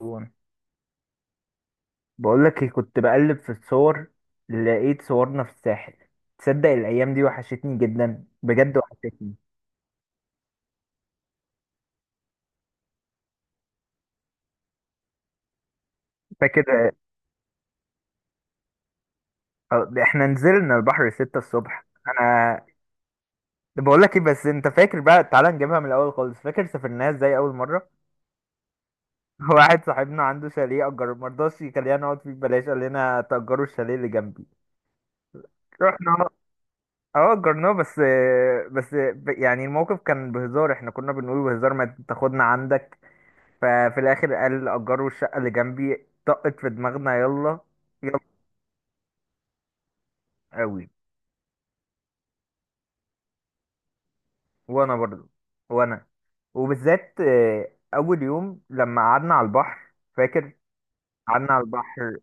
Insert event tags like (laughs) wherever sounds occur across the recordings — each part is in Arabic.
وانا بقول لك إيه، كنت بقلب في الصور. لقيت صورنا في الساحل. تصدق الايام دي وحشتني جدا، بجد وحشتني. فاكر. احنا نزلنا البحر 6 الصبح، انا بقول لك ايه. بس انت فاكر بقى، تعالى نجيبها من الاول خالص. فاكر سافرناها ازاي اول مره؟ (laughs) واحد صاحبنا عنده شاليه اجر، ما رضاش يخلينا نقعد فيه ببلاش، قال لنا تأجروا الشاليه اللي جنبي. رحنا. اه اجرناه. بس. يعني الموقف كان بهزار، احنا كنا بنقول بهزار ما تاخدنا عندك. ففي الاخر قال اجار الشقه اللي جنبي طقت في دماغنا، يلا. يلا قوي. وانا برضو. وانا وبالذات اول يوم لما قعدنا على البحر، فاكر. قعدنا على البحر.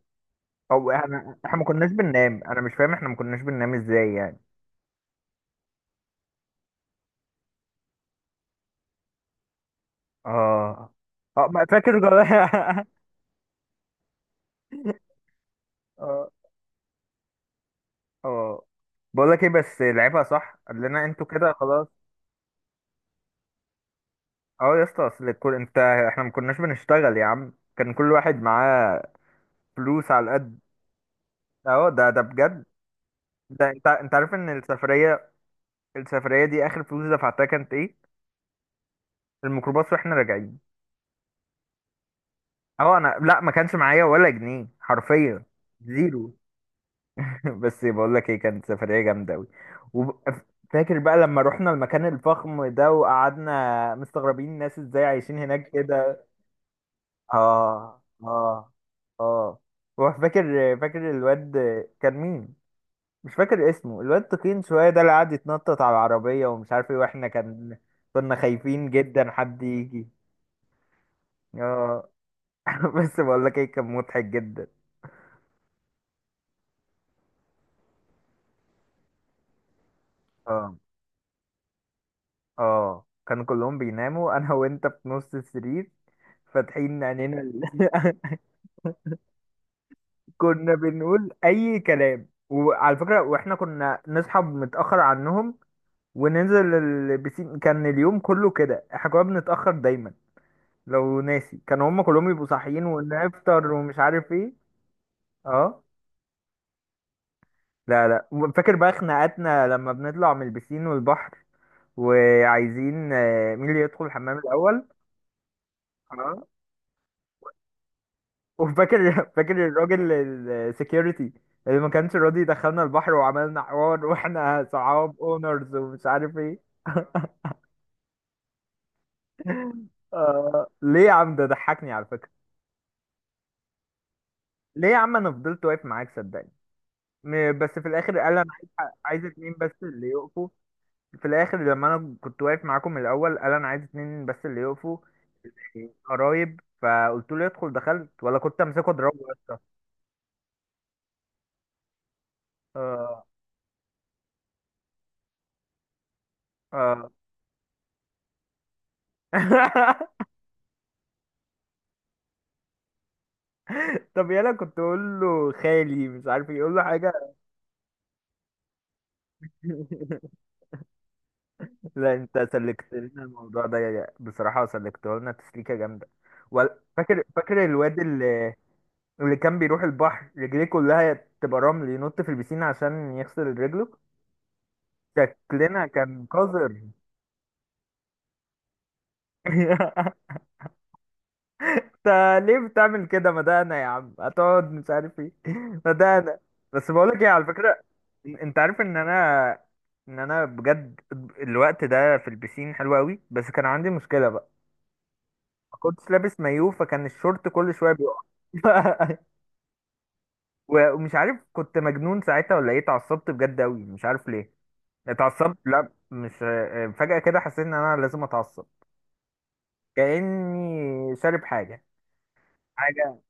او احنا ما كناش بننام، انا مش فاهم احنا ما كناش بننام ازاي يعني. اه، اه، ما فاكر (laughs) اه، اه، بقول لك ايه، بس لعبها صح، قال لنا انتوا كده خلاص. اه يا اسطى، اصل الكل، انت احنا ما كناش بنشتغل يا عم، كان كل واحد معاه فلوس على قد. اهو ده بجد. ده انت عارف ان السفريه دي اخر فلوس دفعتها كانت ايه؟ الميكروباص واحنا راجعين. اهو انا، لا، ما كانش معايا ولا جنيه حرفيا. زيرو. (laughs) بس بقول لك ايه، كانت سفريه جامده قوي. وفاكر بقى لما رحنا المكان الفخم ده، وقعدنا مستغربين الناس ازاي عايشين هناك كده. اه، اه، اه. وفاكر فاكر الواد. كان مين؟ مش فاكر اسمه، الواد تخين شوية ده اللي قعد يتنطط على العربية ومش عارف ايه، واحنا كنا خايفين جدا حد يجي. اه. (laughs) بس بقول لك ايه، كان مضحك جدا. اه، اه، كانوا كلهم بيناموا، انا وانت في نص السرير فاتحين عينينا (laughs) كنا بنقول اي كلام. وعلى فكرة، واحنا كنا نصحى متأخر عنهم وننزل البسين. كان اليوم كله كده، احنا كنا بنتأخر دايما. لو ناسي، كانوا هم كلهم يبقوا صاحيين ونفطر ومش عارف ايه. اه، لا، لا، فاكر بقى خناقاتنا لما بنطلع من البسين والبحر، وعايزين مين اللي يدخل الحمام الاول. اه، وفاكر، (laughs) فاكر الراجل السكيورتي اللي ما كانش راضي يدخلنا البحر، وعملنا حوار واحنا صعاب اونرز ومش عارف ايه. ليه يا عم؟ ده ضحكني على فكرة. ليه يا عم، انا فضلت واقف معاك صدقني. بس في الاخر قال انا عايز اتنين بس اللي يقفوا. في الاخر لما انا كنت واقف معاكم من الاول، قال انا عايز اتنين بس اللي يقفوا قرايب. فقلت له يدخل. دخلت ولا كنت امسكه اضربه يا اسطى؟ اه، اه. (laughs) طب يلا، كنت اقول له خالي مش عارف يقول له حاجه. (laughs) لا انت سلكت لنا الموضوع ده بصراحه، سلكته لنا تسليكه جامده. ولا فاكر، الواد اللي كان بيروح البحر رجليه كلها تبقى رمل، ينط في البسين عشان يغسل رجله. شكلنا كان قذر. (laughs) انت ليه بتعمل كده؟ ما ده انا يا عم هتقعد مش عارف ايه. (laughs) ما ده انا. بس بقولك ايه، على فكرة، انت عارف ان انا بجد، الوقت ده في البسين حلو قوي، بس كان عندي مشكلة بقى. ما كنتش لابس مايو فكان الشورت كل شوية بيقع. (laughs) ومش عارف كنت مجنون ساعتها ولا ايه. اتعصبت بجد قوي، مش عارف ليه اتعصبت. لا مش، فجأة كده حسيت ان انا لازم اتعصب. كأني شارب حاجة. حاجة.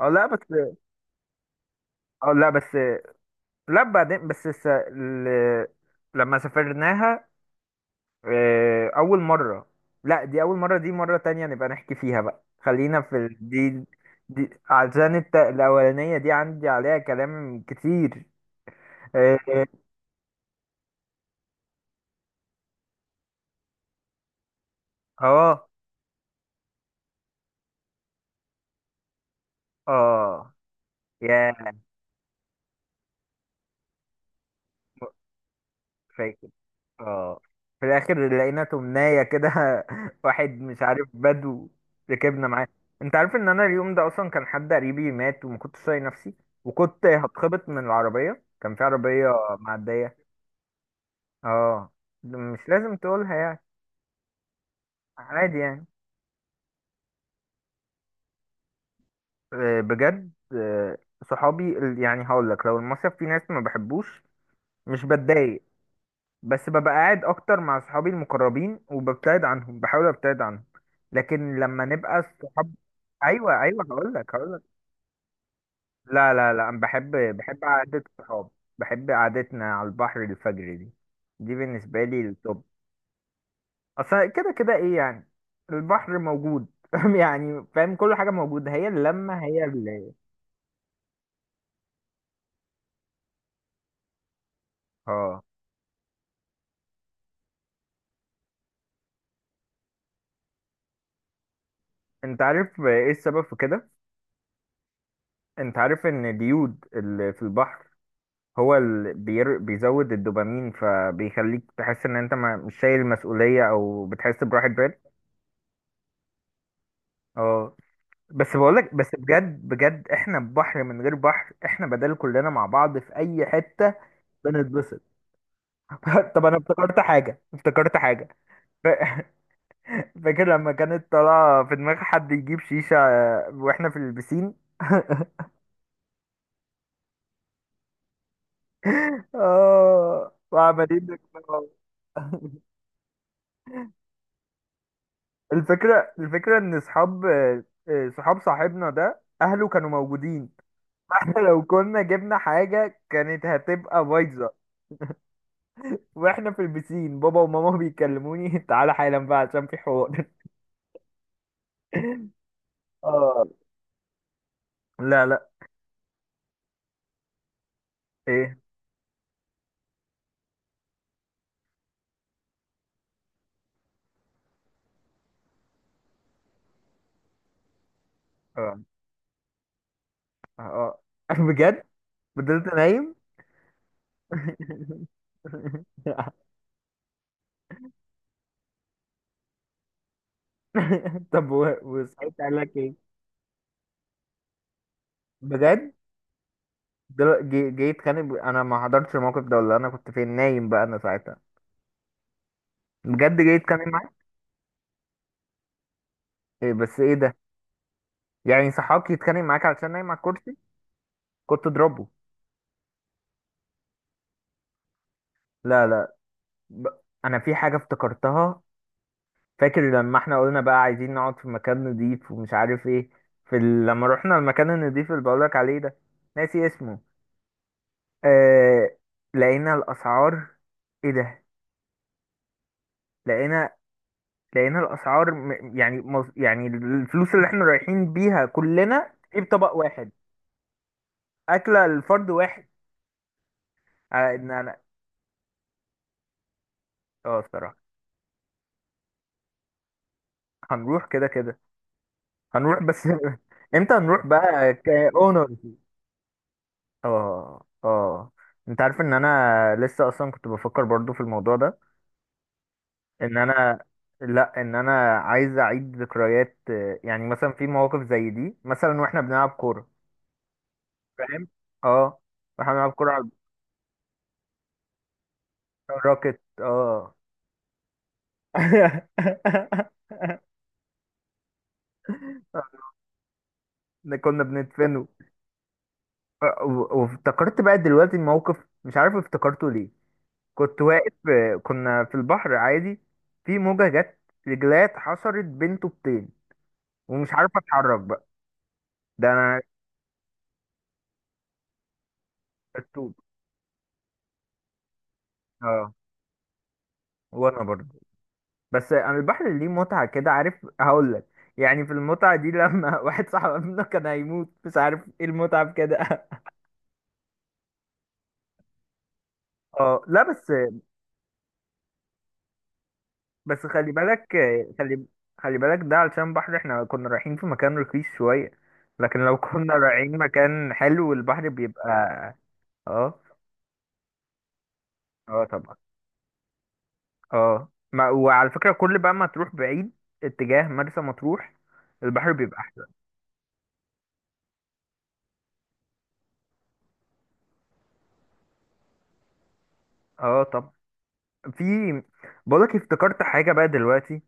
اه لا بس. اه لا بس. لا بعدين بس لما سافرناها أول مرة. لا دي أول مرة، دي مرة تانية نبقى نحكي فيها بقى. خلينا في دي، عشان الأولانية دي عندي عليها كلام كتير. اه، اه. آه. يا، اه، في الاخر لقينا تمناية كده. (laughs) واحد مش عارف، بدو. ركبنا معاه. انت عارف ان انا اليوم ده اصلا كان حد قريبي مات، وما كنتش طايق نفسي، وكنت هتخبط من العربية. كان في عربية معدية. اه مش لازم تقولها يعني. عادي يعني. بجد صحابي يعني هقول لك، لو المصيف في ناس ما بحبوش، مش بتضايق. بس ببقى قاعد اكتر مع صحابي المقربين، وببتعد عنهم، بحاول ابتعد عنهم. لكن لما نبقى الصحاب. ايوه، ايوه، هقول لك. لا، لا، لا، انا بحب، قعدة الصحاب. بحب قعدتنا على البحر الفجر دي، دي بالنسبة لي التوب. اصلا كده كده ايه يعني، البحر موجود. (laughs) يعني فاهم، كل حاجة موجودة، هي اللمة هي اللي. اه. انت عارف ايه السبب في كده؟ انت عارف ان اليود اللي في البحر هو بيزود الدوبامين، فبيخليك تحس ان انت ما... مش شايل مسؤولية او بتحس براحة بال. اه. بس بقولك، بجد بجد احنا بحر من غير بحر، احنا بدل كلنا مع بعض في اي حتة بنتبسط. (laughs) طب انا افتكرت حاجة، افتكرت حاجة. ف... (laughs) فاكر لما كانت طالعة في دماغ حد يجيب شيشة واحنا في البسين. (laughs) اه وعمالين نتكلم. (laughs) الفكرة ان اصحاب آه، آه، صحاب صاحبنا ده اهله كانوا موجودين. (laughs) فاحنا لو كنا جبنا حاجة كانت هتبقى بايظة. واحنا في البسين، بابا وماما بيكلموني، (laughs) تعالى حالا بقى عشان في حوار. (laughs) اه لا لا. ايه؟ اه، اه. (laughs) بجد. فضلت نايم. (laughs) طب، وصحيت قال لك ايه؟ بجد جاي يتخانق؟ انا ما حضرتش الموقف ده، ولا انا كنت فين نايم بقى انا ساعتها. بجد جاي يتخانق معايا؟ إيه؟ بس ايه ده؟ يعني صحابك يتخانق معاك علشان نايم على الكرسي. كنت اضربه. لا، لا، ب... انا في حاجه افتكرتها. فاكر لما احنا قلنا بقى عايزين نقعد في مكان نضيف ومش عارف ايه. لما رحنا المكان النضيف اللي بقولك عليه ده، ناسي اسمه. آه... لقينا الاسعار. ايه ده؟ لقينا الاسعار. يعني الفلوس اللي احنا رايحين بيها كلنا في طبق واحد، اكله الفرد واحد. إن انا. اه الصراحه. هنروح كده كده، هنروح بس. (laughs) امتى هنروح بقى كاونرز؟ اه، اه، انت عارف ان انا لسه اصلا كنت بفكر برضو في الموضوع ده. ان انا، لا، ان انا عايز اعيد ذكريات، يعني مثلا في مواقف زي دي، مثلا واحنا بنلعب كوره، فاهم. اه واحنا بنلعب كوره على الراكت. اه. (laughs) ده كنا بندفنه. وافتكرت بقى دلوقتي الموقف، مش عارف افتكرته ليه. كنت واقف. كنا في البحر عادي، في موجة جت، رجلات حصرت بين طوبتين، ومش عارف اتحرك بقى. ده انا. الطوب. اه وانا برضه. بس انا البحر ليه متعة كده، عارف؟ هقول لك يعني، في المتعة دي لما (laughs) واحد صاحبنا كان هيموت مش عارف ايه، المتعة في كده؟ (laughs) اه لا بس. خلي بالك. خلي خلي بالك ده علشان بحر، احنا كنا رايحين في مكان رخيص شوية، لكن لو كنا رايحين مكان حلو البحر بيبقى. اه، اه، طبعا. اه ما وعلى فكرة، كل بقى ما تروح بعيد اتجاه مرسى مطروح، البحر بيبقى احسن. اه طب، في، بقولك افتكرت حاجة بقى دلوقتي.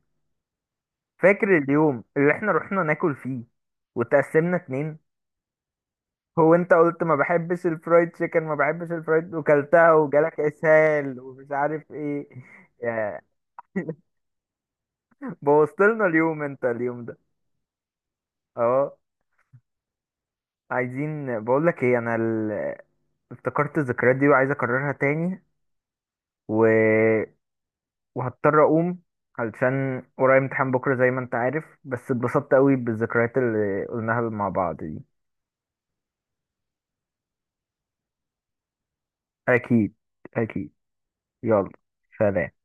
فاكر اليوم اللي احنا رحنا ناكل فيه، وتقسمنا اتنين. هو انت قلت ما بحبش الفرايد تشيكن، ما بحبش الفرايد، وكلتها وجالك اسهال ومش عارف ايه. يا، بوظت لنا اليوم انت اليوم ده. اه عايزين. بقولك ايه انا، افتكرت الذكريات دي وعايز اكررها تاني. و وهضطر اقوم علشان ورايا امتحان بكره زي ما انت عارف، بس اتبسطت قوي بالذكريات اللي قلناها مع بعض دي. اكيد، اكيد. يلا، سلام.